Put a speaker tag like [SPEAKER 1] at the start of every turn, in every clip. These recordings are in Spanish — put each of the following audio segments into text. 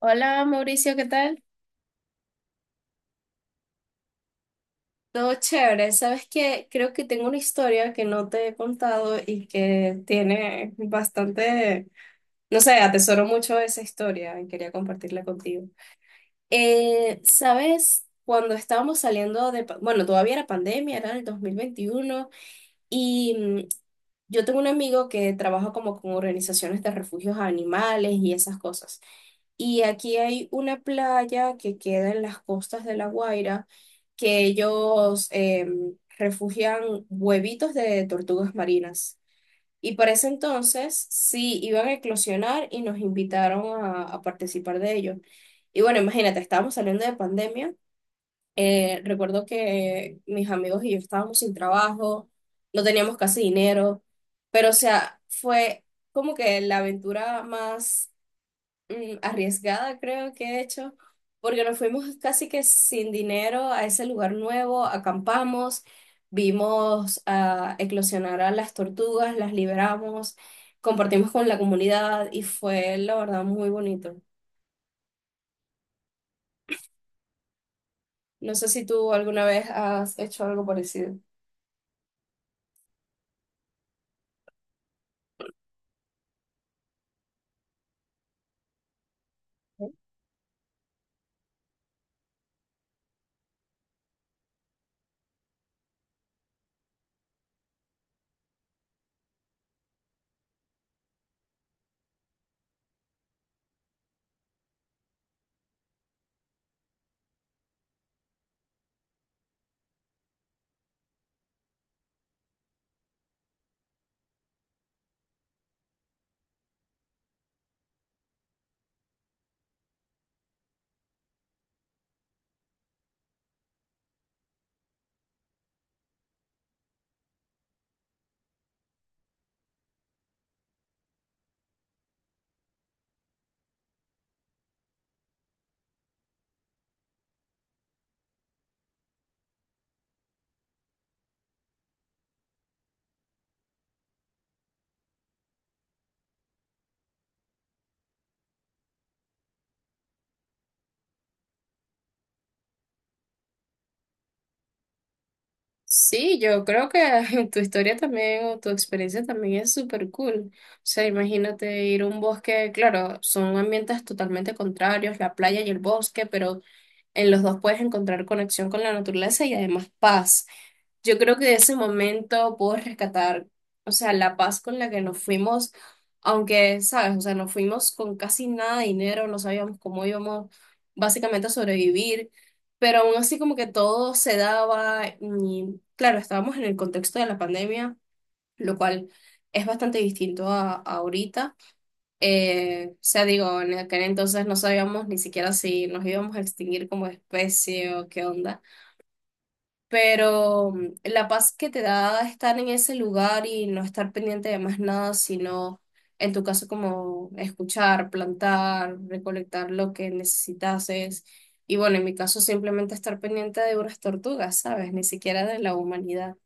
[SPEAKER 1] Hola Mauricio, ¿qué tal? Todo chévere. Sabes que creo que tengo una historia que no te he contado y que tiene bastante, no sé, atesoro mucho esa historia y quería compartirla contigo. ¿sabes? Cuando estábamos saliendo de, bueno, todavía era pandemia, era el 2021 y yo tengo un amigo que trabaja como con organizaciones de refugios a animales y esas cosas. Y aquí hay una playa que queda en las costas de La Guaira, que ellos refugian huevitos de tortugas marinas. Y para ese entonces sí iban a eclosionar y nos invitaron a participar de ellos. Y bueno, imagínate, estábamos saliendo de pandemia. Recuerdo que mis amigos y yo estábamos sin trabajo, no teníamos casi dinero, pero o sea, fue como que la aventura más arriesgada, creo que he hecho, porque nos fuimos casi que sin dinero a ese lugar nuevo, acampamos, vimos a eclosionar a las tortugas, las liberamos, compartimos con la comunidad y fue, la verdad, muy bonito. No sé si tú alguna vez has hecho algo parecido. Sí, yo creo que tu historia también o tu experiencia también es súper cool. O sea, imagínate ir a un bosque, claro, son ambientes totalmente contrarios, la playa y el bosque, pero en los dos puedes encontrar conexión con la naturaleza y además paz. Yo creo que de ese momento puedo rescatar, o sea, la paz con la que nos fuimos, aunque, sabes, o sea, nos fuimos con casi nada de dinero, no sabíamos cómo íbamos básicamente a sobrevivir, pero aún así como que todo se daba y, claro, estábamos en el contexto de la pandemia, lo cual es bastante distinto a ahorita. O sea, digo, en aquel entonces no sabíamos ni siquiera si nos íbamos a extinguir como especie o qué onda. Pero la paz que te da estar en ese lugar y no estar pendiente de más nada, sino en tu caso como escuchar, plantar, recolectar lo que necesitases. Y bueno, en mi caso simplemente estar pendiente de unas tortugas, ¿sabes? Ni siquiera de la humanidad.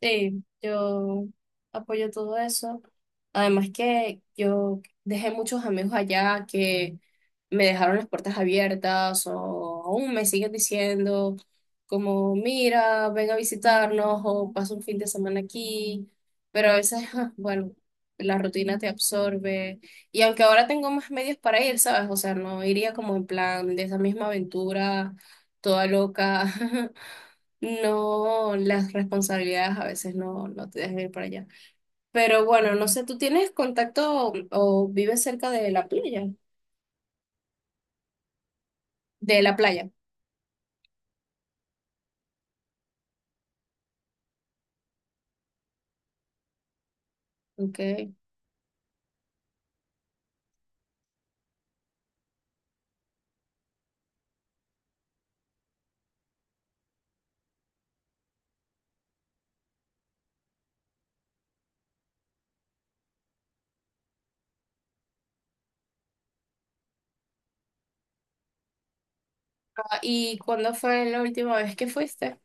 [SPEAKER 1] Sí, yo apoyo todo eso. Además que yo dejé muchos amigos allá que me dejaron las puertas abiertas o aún me siguen diciendo como, mira, ven a visitarnos o pasa un fin de semana aquí. Pero a veces, bueno, la rutina te absorbe. Y aunque ahora tengo más medios para ir, ¿sabes? O sea, no iría como en plan de esa misma aventura toda loca. No, las responsabilidades a veces no te dejan ir para allá. Pero bueno, no sé, ¿tú tienes contacto o vives cerca de la playa? De la playa. Ok. Ah, ¿y cuándo fue la última vez que fuiste?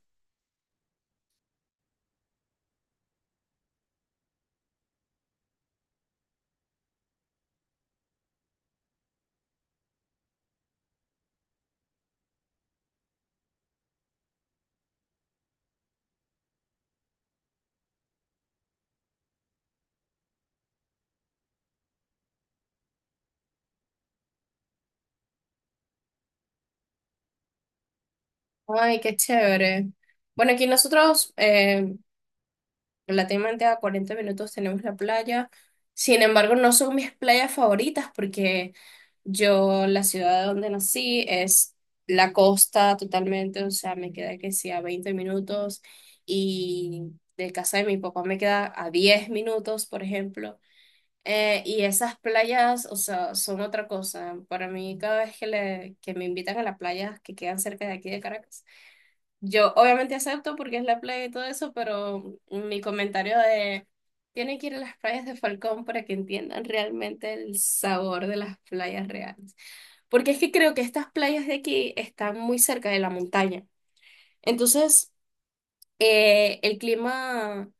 [SPEAKER 1] Ay, qué chévere. Bueno, aquí nosotros relativamente a 40 minutos tenemos la playa. Sin embargo, no son mis playas favoritas porque yo, la ciudad donde nací es la costa totalmente, o sea, me queda que sí a 20 minutos y de casa de mi papá me queda a 10 minutos, por ejemplo. Y esas playas, o sea, son otra cosa. Para mí, cada vez que que me invitan a las playas que quedan cerca de aquí de Caracas, yo obviamente acepto porque es la playa y todo eso, pero mi comentario de tienen que ir a las playas de Falcón para que entiendan realmente el sabor de las playas reales. Porque es que creo que estas playas de aquí están muy cerca de la montaña. Entonces, el clima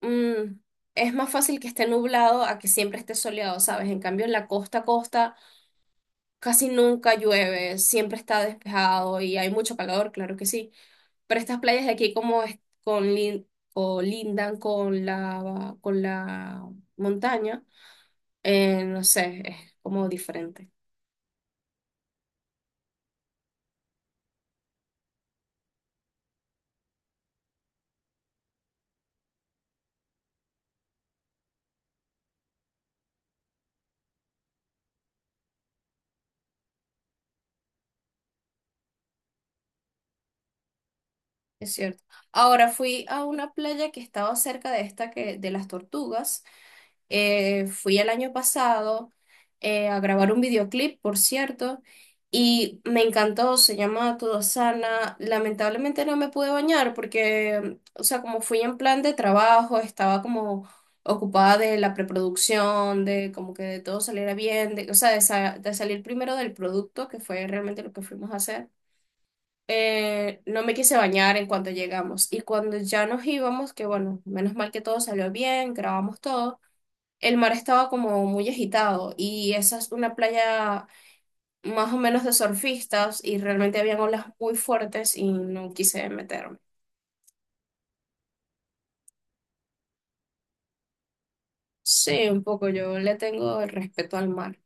[SPEAKER 1] mm, es más fácil que esté nublado a que siempre esté soleado, ¿sabes? En cambio, en la costa a costa casi nunca llueve, siempre está despejado y hay mucho calor, claro que sí. Pero estas playas de aquí como es- con lin- colindan con con la montaña, no sé, es como diferente. Es cierto. Ahora fui a una playa que estaba cerca de esta que, de las tortugas. Fui el año pasado a grabar un videoclip, por cierto, y me encantó, se llama Todo Sana. Lamentablemente no me pude bañar porque, o sea, como fui en plan de trabajo, estaba como ocupada de la preproducción, de como que de todo saliera bien, de, o sea, de, sa- de salir primero del producto, que fue realmente lo que fuimos a hacer. No me quise bañar en cuanto llegamos y cuando ya nos íbamos, que bueno, menos mal que todo salió bien, grabamos todo. El mar estaba como muy agitado y esa es una playa más o menos de surfistas y realmente habían olas muy fuertes y no quise meterme. Sí, un poco yo le tengo el respeto al mar.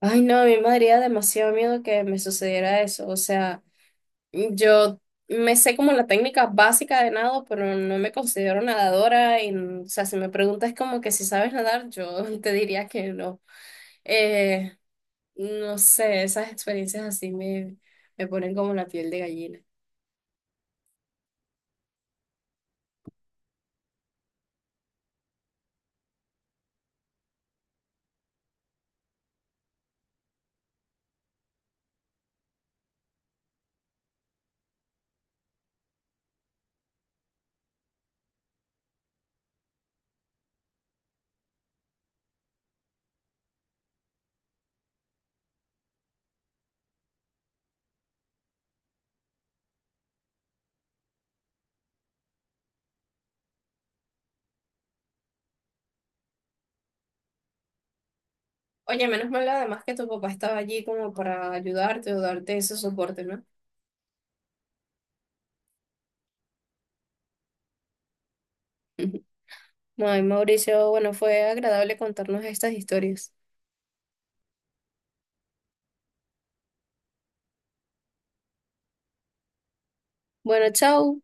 [SPEAKER 1] Ay, no, a mí me daría demasiado miedo que me sucediera eso. O sea, yo me sé como la técnica básica de nado, pero no me considero nadadora. Y, o sea, si me preguntas como que si sabes nadar, yo te diría que no. Eh, No sé, esas experiencias así me ponen como la piel de gallina. Oye, menos mal además que tu papá estaba allí como para ayudarte o darte ese soporte, ¿no? Ay, Mauricio, bueno, fue agradable contarnos estas historias. Bueno, chao.